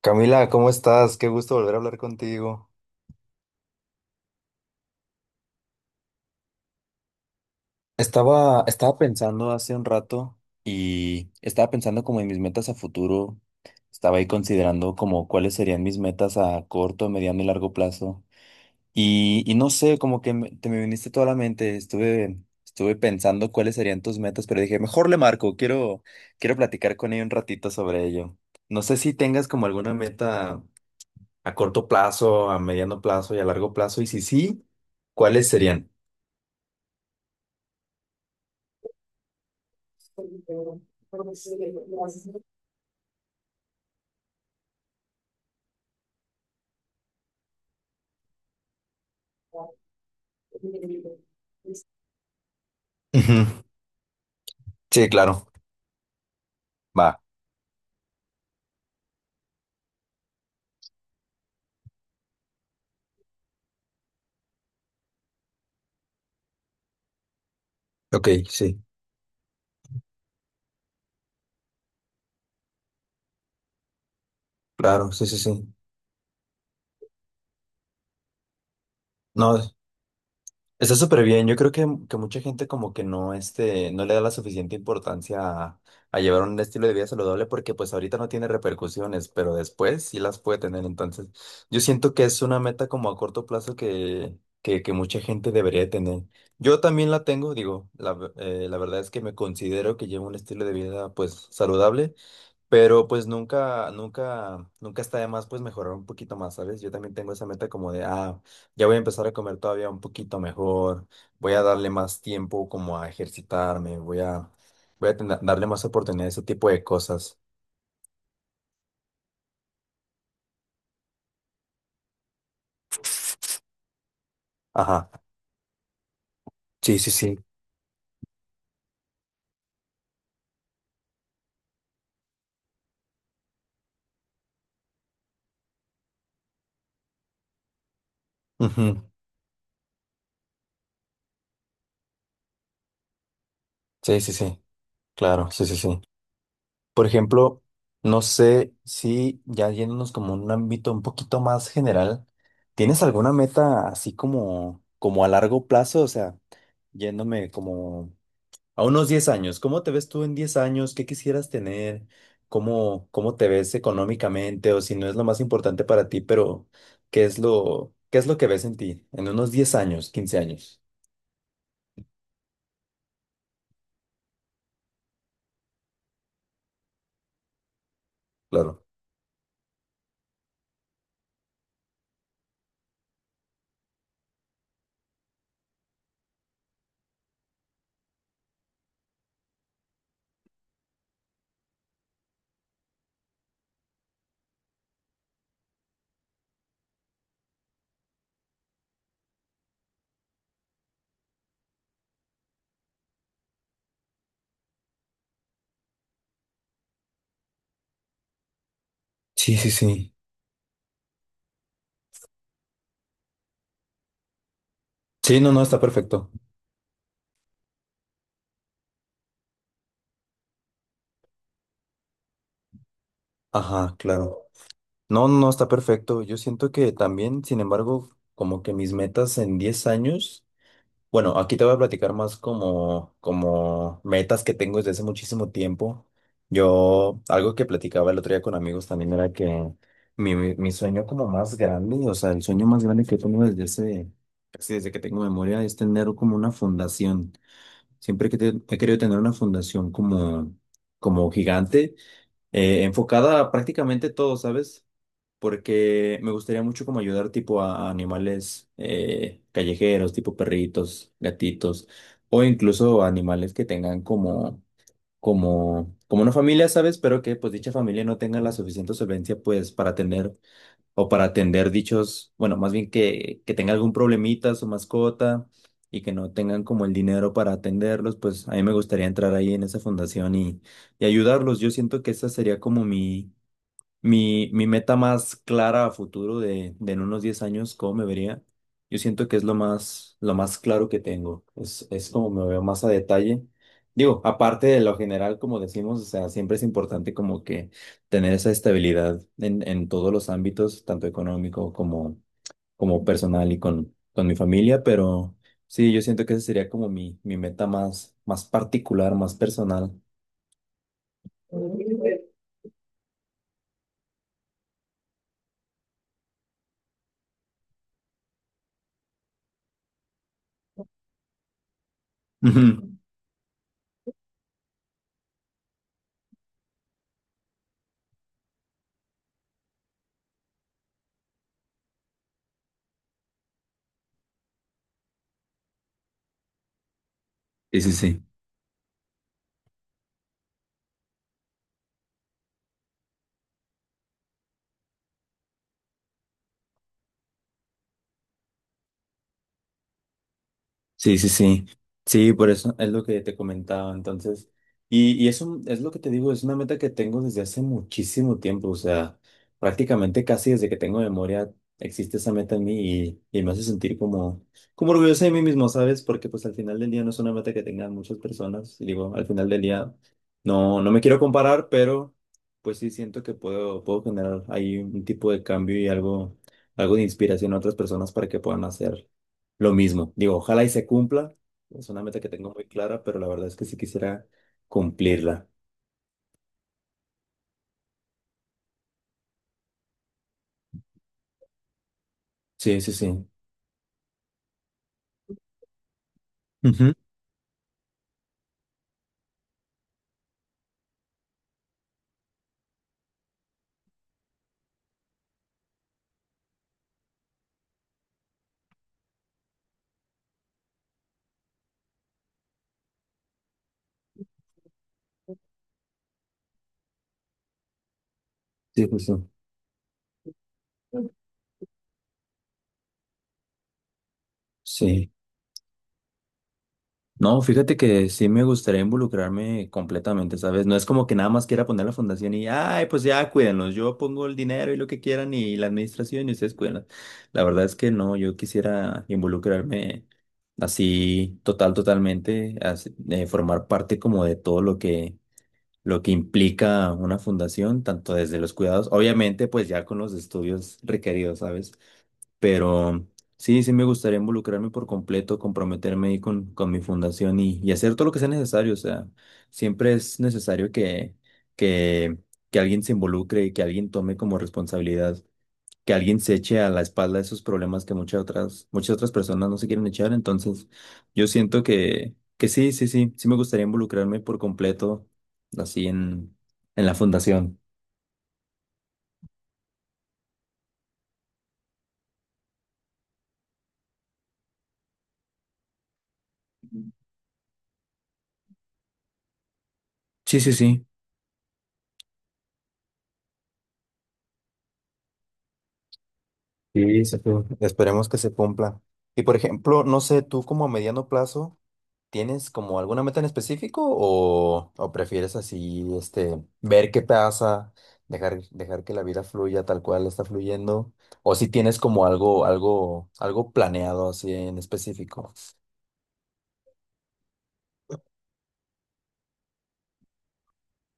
Camila, ¿cómo estás? Qué gusto volver a hablar contigo. Estaba pensando hace un rato y estaba pensando como en mis metas a futuro. Estaba ahí considerando como cuáles serían mis metas a corto, mediano y largo plazo. Y no sé, como que te me viniste toda la mente. Estuve pensando cuáles serían tus metas, pero dije, mejor le marco, quiero platicar con ella un ratito sobre ello. ¿No sé si tengas como alguna meta a corto plazo, a mediano plazo y a largo plazo? Y si sí, ¿cuáles serían? Ujú. Sí, claro. Va. Ok, sí, claro, sí, sí, sí. No. Está súper bien. Yo creo que mucha gente como que no, este, no le da la suficiente importancia a llevar un estilo de vida saludable porque pues ahorita no tiene repercusiones, pero después sí las puede tener. Entonces, yo siento que es una meta como a corto plazo que mucha gente debería tener. Yo también la tengo, digo, la verdad es que me considero que llevo un estilo de vida pues saludable. Pero pues nunca, nunca, nunca está de más pues mejorar un poquito más, ¿sabes? Yo también tengo esa meta como de, ya voy a empezar a comer todavía un poquito mejor, voy a darle más tiempo como a ejercitarme, darle más oportunidad a ese tipo de cosas. Ajá. Sí, sí, sí. Ujú. Sí, sí, sí. Claro, sí, sí, sí. Por ejemplo, no sé si ya yéndonos como un ámbito un poquito más general, ¿tienes alguna meta así como a largo plazo? O sea, yéndome como a unos 10 años, ¿cómo te ves tú en 10 años? ¿Qué quisieras tener? ¿Cómo te ves económicamente? O si no es lo más importante para ti, pero ¿qué es lo que ves en ti en unos 10 años, 15 años? Claro. Sí, sí, sí. Sí, no, no, está perfecto. Ajá, claro. No, no, está perfecto. Yo siento que también, sin embargo, como que mis metas en 10 años, bueno, aquí te voy a platicar más como metas que tengo desde hace muchísimo tiempo. Yo, algo que platicaba el otro día con amigos también era que mi sueño como más grande, o sea, el sueño más grande que tengo casi desde que tengo memoria, es tener como una fundación. Siempre que he querido tener una fundación como gigante enfocada a prácticamente todo, ¿sabes? Porque me gustaría mucho como ayudar tipo a animales callejeros, tipo perritos, gatitos, o incluso animales que tengan como una familia, ¿sabes? Pero que pues dicha familia no tenga la suficiente solvencia pues para tener o para atender dichos, bueno, más bien que tenga algún problemita su mascota y que no tengan como el dinero para atenderlos, pues a mí me gustaría entrar ahí en esa fundación y ayudarlos. Yo siento que esa sería como mi meta más clara a futuro de en unos 10 años, ¿cómo me vería? Yo siento que es lo más claro que tengo. Es como me veo más a detalle. Digo, aparte de lo general, como decimos, o sea, siempre es importante como que tener esa estabilidad en todos los ámbitos, tanto económico como personal y con mi familia, pero sí, yo siento que esa sería como mi meta más particular, más personal. Ujú. Sí, sí, sí. Sí, sí, sí. Sí, por eso es lo que te comentaba. Entonces, y eso es lo que te digo, es una meta que tengo desde hace muchísimo tiempo. O sea, prácticamente casi desde que tengo memoria existe esa meta en mí y me hace sentir como orgulloso de mí mismo, ¿sabes? Porque pues al final del día no es una meta que tengan muchas personas. Y digo, al final del día no me quiero comparar, pero pues sí siento que puedo generar ahí un tipo de cambio y algo de inspiración a otras personas para que puedan hacer. Lo mismo, digo, ojalá y se cumpla. Es una meta que tengo muy clara, pero la verdad es que sí quisiera cumplirla. Sí, sí, sí. Ujú. Sí, sí, sí. Sí. No, fíjate que sí me gustaría involucrarme completamente, ¿sabes? No es como que nada más quiera poner la fundación y, ay, pues ya cuídenlos, yo pongo el dinero y lo que quieran y la administración y ustedes cuídenlos. La verdad es que no, yo quisiera involucrarme así total, totalmente, así, formar parte como de todo lo que implica una fundación, tanto desde los cuidados, obviamente pues ya con los estudios requeridos, ¿sabes? Pero sí me gustaría involucrarme por completo, comprometerme ahí con mi fundación y hacer todo lo que sea necesario, o sea, siempre es necesario que, que alguien se involucre y que alguien tome como responsabilidad que alguien se eche a la espalda esos problemas que muchas otras personas no se quieren echar. Entonces, yo siento que sí, sí, sí, sí me gustaría involucrarme por completo así en la fundación. Sí, sí, sí. Sí, sí, sí. Esperemos que se cumpla. Y por ejemplo, no sé, tú como a mediano plazo. ¿Tienes como alguna meta en específico o prefieres así, este, ver qué pasa, dejar que la vida fluya tal cual está fluyendo? ¿O si tienes como algo planeado así en específico?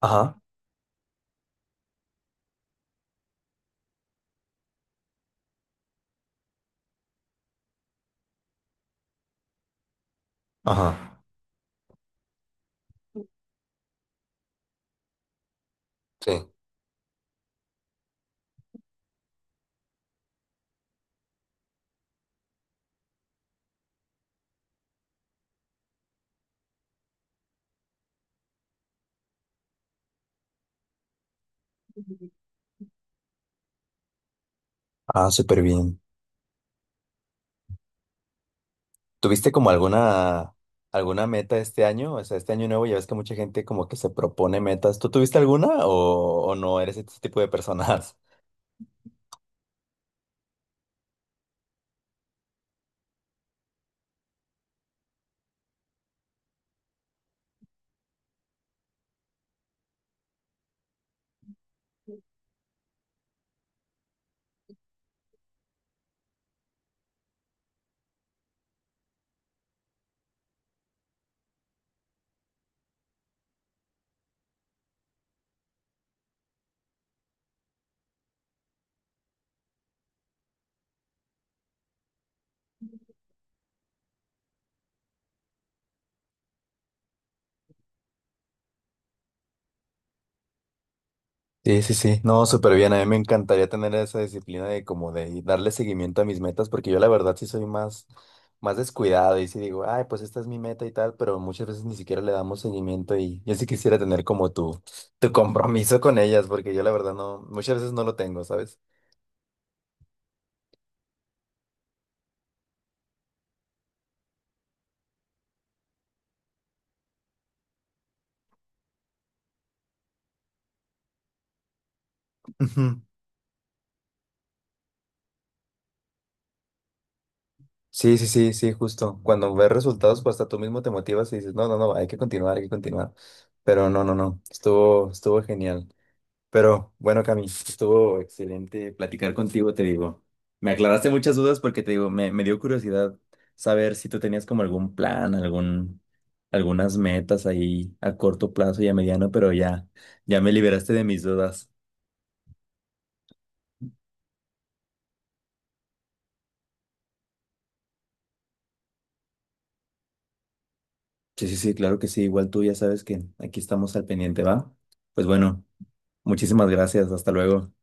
Ajá, ajá. Sí. Ah, súper bien. ¿Tuviste como alguna meta este año? O sea, este año nuevo ya ves que mucha gente como que se propone metas. ¿Tú tuviste alguna o no eres ese tipo de personas? Sí, sí, sí. No, súper bien. A mí me encantaría tener esa disciplina de como de y darle seguimiento a mis metas, porque yo la verdad sí soy más descuidado y sí digo, ay, pues esta es mi meta y tal, pero muchas veces ni siquiera le damos seguimiento y yo sí quisiera tener como tu compromiso con ellas, porque yo la verdad no, muchas veces no lo tengo, ¿sabes? Ujú. Sí, sí, sí, sí, justo. Cuando ves resultados, pues hasta tú mismo te motivas y dices, no, no, no, hay que continuar, hay que continuar. Pero no, no, no, estuvo genial. Pero bueno, Cami, estuvo excelente platicar contigo, te digo. Me aclaraste muchas dudas porque te digo, me dio curiosidad saber si tú tenías como algún plan, algunas metas ahí a corto plazo y a mediano, pero ya me liberaste de mis dudas. Sí, sí, sí, claro que sí. Igual tú ya sabes que aquí estamos al pendiente, ¿va? Pues bueno, muchísimas gracias. Hasta luego.